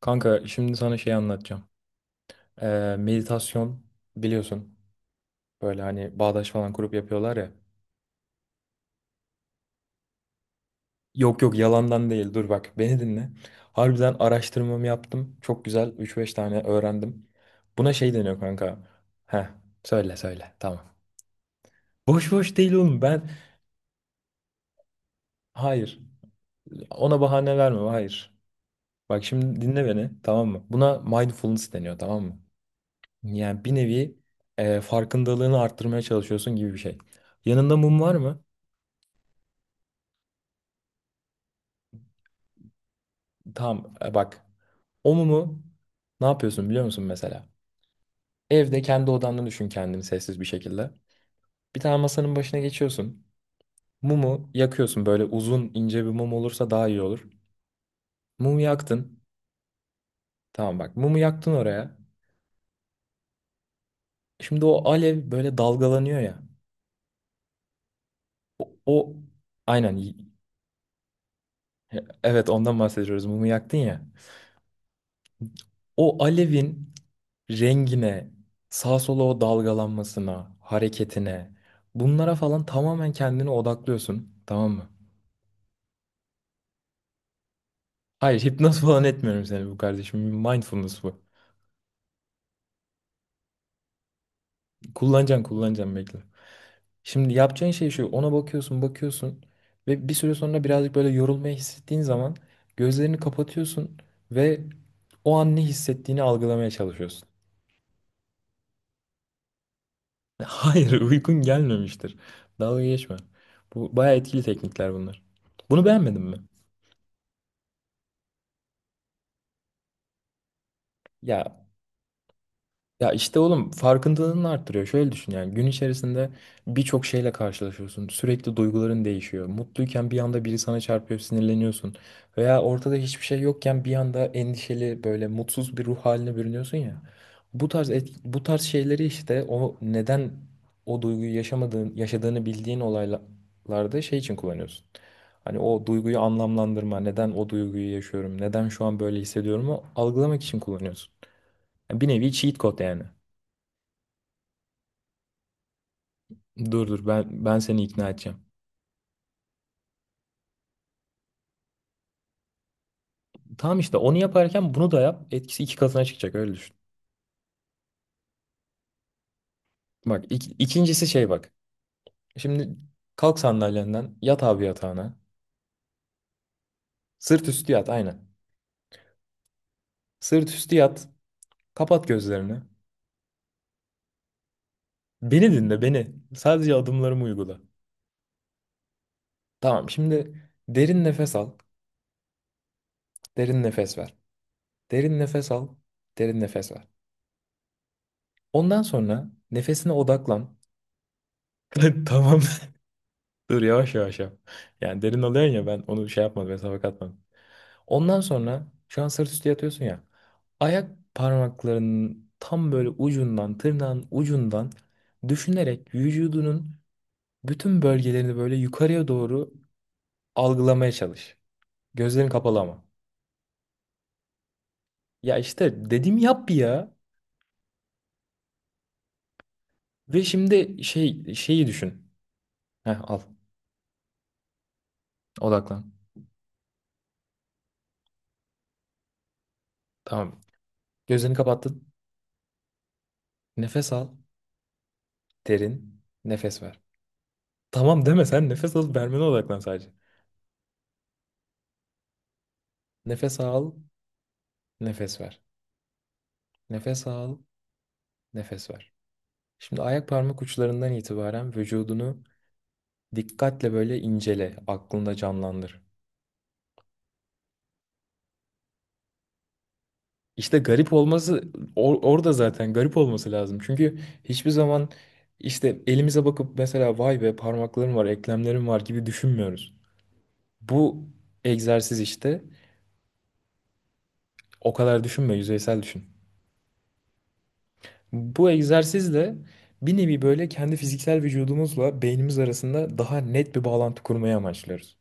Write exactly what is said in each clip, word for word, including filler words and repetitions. Kanka şimdi sana şey anlatacağım. Ee, meditasyon biliyorsun. Böyle hani bağdaş falan kurup yapıyorlar ya. Yok yok yalandan değil, dur bak beni dinle. Harbiden araştırmamı yaptım. Çok güzel üç beş tane öğrendim. Buna şey deniyor kanka. Heh, söyle söyle, tamam. Boş boş değil oğlum ben. Hayır, ona bahane verme, hayır. Bak şimdi dinle beni, tamam mı? Buna mindfulness deniyor, tamam mı? Yani bir nevi e, farkındalığını arttırmaya çalışıyorsun gibi bir şey. Yanında mum var mı? Tamam, e, bak. O mumu ne yapıyorsun biliyor musun mesela? Evde kendi odanda düşün kendini sessiz bir şekilde. Bir tane masanın başına geçiyorsun. Mumu yakıyorsun, böyle uzun ince bir mum olursa daha iyi olur. Mumu yaktın. Tamam, bak mumu yaktın oraya. Şimdi o alev böyle dalgalanıyor ya. O, o- aynen y- e, evet, ondan bahsediyoruz, mumu yaktın ya. O alevin rengine, sağa sola o dalgalanmasına, hareketine, bunlara falan tamamen kendini odaklıyorsun. Tamam mı? Hayır, hipnoz falan etmiyorum seni bu kardeşim. Mindfulness bu. Kullanacaksın, kullanacaksın, bekle. Şimdi yapacağın şey şu. Ona bakıyorsun, bakıyorsun ve bir süre sonra birazcık böyle yorulmayı hissettiğin zaman gözlerini kapatıyorsun ve o an ne hissettiğini algılamaya çalışıyorsun. Hayır, uykun gelmemiştir. Dalga geçme. Bu bayağı etkili teknikler bunlar. Bunu beğenmedin mi? Ya, ya işte oğlum, farkındalığını arttırıyor. Şöyle düşün, yani gün içerisinde birçok şeyle karşılaşıyorsun. Sürekli duyguların değişiyor. Mutluyken bir anda biri sana çarpıyor, sinirleniyorsun. Veya ortada hiçbir şey yokken bir anda endişeli, böyle mutsuz bir ruh haline bürünüyorsun ya. Bu tarz et- bu tarz şeyleri işte, o neden o duyguyu yaşamadığın, yaşadığını bildiğin olaylarda şey için kullanıyorsun. Hani o duyguyu anlamlandırma, neden o duyguyu yaşıyorum, neden şu an böyle hissediyorumu algılamak için kullanıyorsun. Yani bir nevi cheat code yani. Dur dur, ben ben seni ikna edeceğim. Tamam, işte onu yaparken bunu da yap. Etkisi iki katına çıkacak, öyle düşün. Bak, ik- ikincisi şey bak. Şimdi kalk sandalyenden, yat abi yatağına. Sırt üstü yat aynen. Sırt üstü yat. Kapat gözlerini. Beni dinle beni. Sadece adımlarımı uygula. Tamam, şimdi derin nefes al. Derin nefes ver. Derin nefes al. Derin nefes ver. Ondan sonra nefesine odaklan. Tamam. Dur, yavaş yavaş yap. Yani derin alıyorsun ya, ben onu şey yapmadım, hesaba katmadım. Ondan sonra şu an sırt üstü yatıyorsun ya. Ayak parmaklarının tam böyle ucundan, tırnağın ucundan düşünerek vücudunun bütün bölgelerini böyle yukarıya doğru algılamaya çalış. Gözlerin kapalı ama. Ya işte dedim yap ya. Ve şimdi şey şeyi düşün. Heh, al. Odaklan. Tamam. Gözlerini kapattın. Nefes al. Derin. Nefes ver. Tamam deme sen, nefes alıp vermene odaklan sadece. Nefes al. Nefes ver. Nefes al. Nefes ver. Şimdi ayak parmak uçlarından itibaren vücudunu dikkatle böyle incele, aklında canlandır. İşte garip olması, or- orada zaten garip olması lazım. Çünkü hiçbir zaman işte elimize bakıp mesela vay be parmaklarım var, eklemlerim var gibi düşünmüyoruz. Bu egzersiz işte o kadar düşünme, yüzeysel düşün. Bu egzersizle bir nevi böyle kendi fiziksel vücudumuzla beynimiz arasında daha net bir bağlantı kurmayı amaçlıyoruz.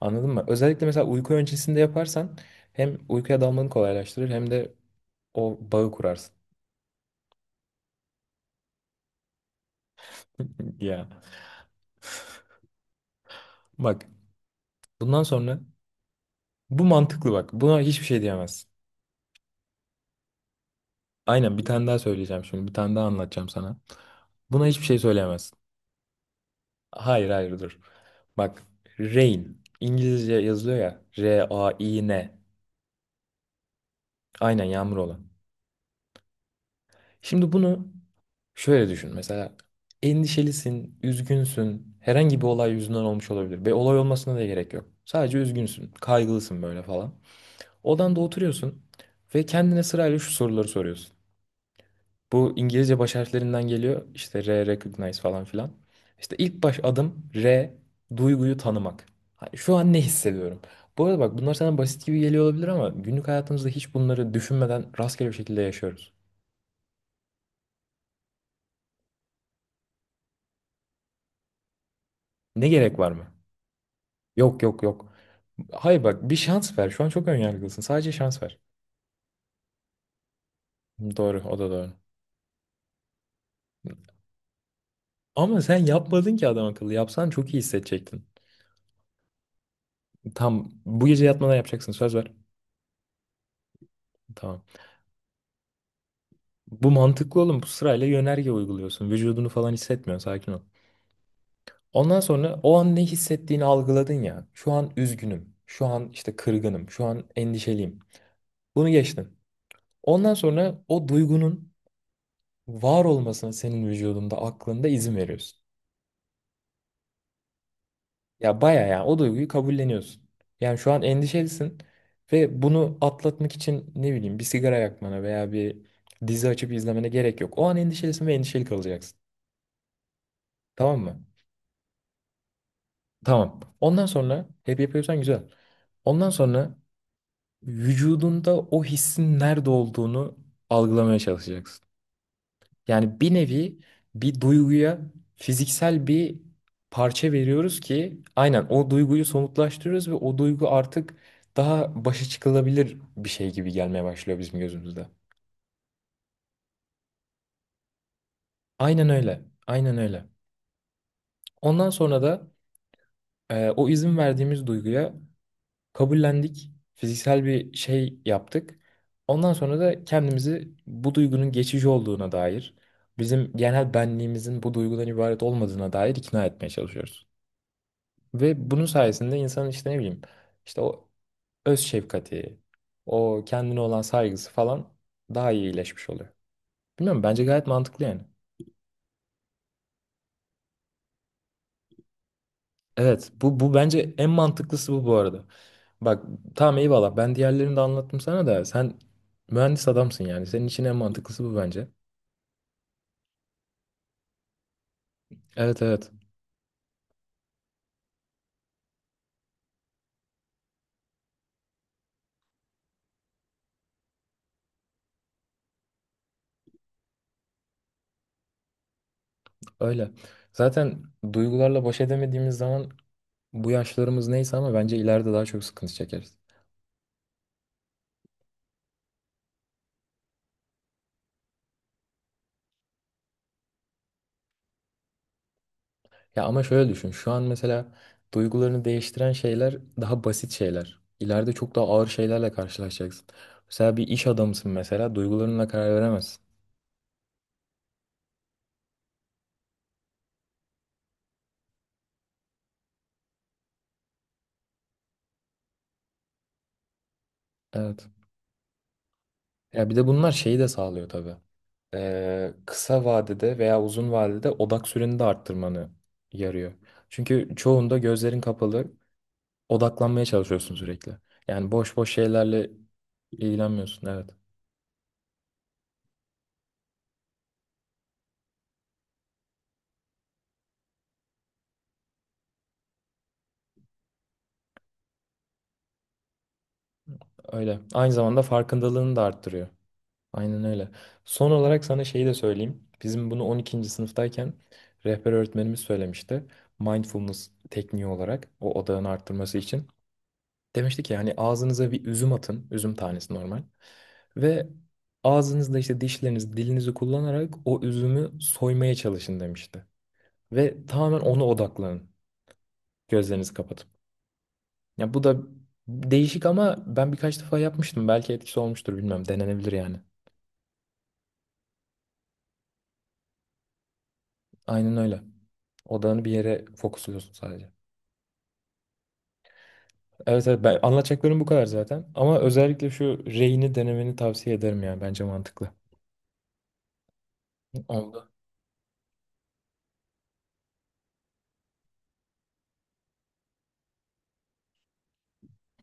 Anladın mı? Özellikle mesela uyku öncesinde yaparsan hem uykuya dalmanı kolaylaştırır hem de o bağı kurarsın. Ya bak, bundan sonra bu mantıklı bak. Buna hiçbir şey diyemezsin. Aynen, bir tane daha söyleyeceğim şimdi. Bir tane daha anlatacağım sana. Buna hiçbir şey söyleyemezsin. Hayır hayır dur. Bak, rain İngilizce yazılıyor ya. R-A-I-N. Aynen, yağmur olan. Şimdi bunu şöyle düşün. Mesela endişelisin, üzgünsün. Herhangi bir olay yüzünden olmuş olabilir. Ve olay olmasına da gerek yok. Sadece üzgünsün, kaygılısın böyle falan. Odanda oturuyorsun ve kendine sırayla şu soruları soruyorsun. Bu İngilizce baş harflerinden geliyor. İşte R, recognize falan filan. İşte ilk baş adım R, duyguyu tanımak. Hani şu an ne hissediyorum? Bu arada bak, bunlar sana basit gibi geliyor olabilir ama günlük hayatımızda hiç bunları düşünmeden rastgele bir şekilde yaşıyoruz. Ne gerek var mı? Yok yok yok. Hayır bak, bir şans ver. Şu an çok önyargılısın. Sadece şans ver. Doğru, o da doğru. Ama sen yapmadın ki adam akıllı. Yapsan çok iyi hissedecektin. Tam bu gece yatmadan yapacaksın, söz ver. Tamam. Bu mantıklı oğlum. Bu sırayla yönerge uyguluyorsun. Vücudunu falan hissetmiyorsun. Sakin ol. Ondan sonra o an ne hissettiğini algıladın ya. Şu an üzgünüm. Şu an işte kırgınım. Şu an endişeliyim. Bunu geçtin. Ondan sonra o duygunun var olmasına, senin vücudunda, aklında izin veriyorsun. Ya baya ya, o duyguyu kabulleniyorsun. Yani şu an endişelisin ve bunu atlatmak için ne bileyim bir sigara yakmana veya bir dizi açıp izlemene gerek yok. O an endişelisin ve endişeli kalacaksın. Tamam mı? Tamam. Ondan sonra hep yapıyorsan güzel. Ondan sonra vücudunda o hissin nerede olduğunu algılamaya çalışacaksın. Yani bir nevi bir duyguya fiziksel bir parça veriyoruz ki aynen o duyguyu somutlaştırıyoruz ve o duygu artık daha başa çıkılabilir bir şey gibi gelmeye başlıyor bizim gözümüzde. Aynen öyle. Aynen öyle. Ondan sonra da e, o izin verdiğimiz duyguya kabullendik. Fiziksel bir şey yaptık. Ondan sonra da kendimizi bu duygunun geçici olduğuna dair, bizim genel benliğimizin bu duygudan ibaret olmadığına dair ikna etmeye çalışıyoruz. Ve bunun sayesinde insanın işte ne bileyim, işte o öz şefkati, o kendine olan saygısı falan daha iyi iyileşmiş oluyor. Bilmiyorum, bence gayet mantıklı yani. Evet bu, bu bence en mantıklısı bu bu arada. Bak tamam, eyvallah, ben diğerlerini de anlattım sana da sen mühendis adamsın yani. Senin için en mantıklısı bu bence. Evet evet, öyle. Zaten duygularla baş edemediğimiz zaman, bu yaşlarımız neyse ama bence ileride daha çok sıkıntı çekeriz. Ya ama şöyle düşün. Şu an mesela duygularını değiştiren şeyler daha basit şeyler. İleride çok daha ağır şeylerle karşılaşacaksın. Mesela bir iş adamısın, mesela duygularınla karar veremezsin. Evet. Ya bir de bunlar şeyi de sağlıyor tabii. Ee, kısa vadede veya uzun vadede odak süreni de arttırmanı yarıyor. Çünkü çoğunda gözlerin kapalı, odaklanmaya çalışıyorsun sürekli. Yani boş boş şeylerle ilgilenmiyorsun. Evet. Öyle. Aynı zamanda farkındalığını da arttırıyor. Aynen öyle. Son olarak sana şeyi de söyleyeyim. Bizim bunu on ikinci sınıftayken rehber öğretmenimiz söylemişti. Mindfulness tekniği olarak o odağını arttırması için. Demişti ki yani ağzınıza bir üzüm atın. Üzüm tanesi normal. Ve ağzınızda işte dişlerinizi, dilinizi kullanarak o üzümü soymaya çalışın demişti. Ve tamamen ona odaklanın. Gözlerinizi kapatıp. Ya bu da değişik ama ben birkaç defa yapmıştım. Belki etkisi olmuştur, bilmem. Denenebilir yani. Aynen öyle. Odağını bir yere fokusluyorsun sadece. Evet evet, ben anlatacaklarım bu kadar zaten. Ama özellikle şu Rei'ni denemeni tavsiye ederim yani, bence mantıklı. Oldu.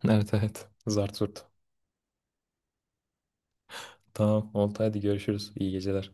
Evet evet. Zart zurt. Tamam oldu, hadi görüşürüz. İyi geceler.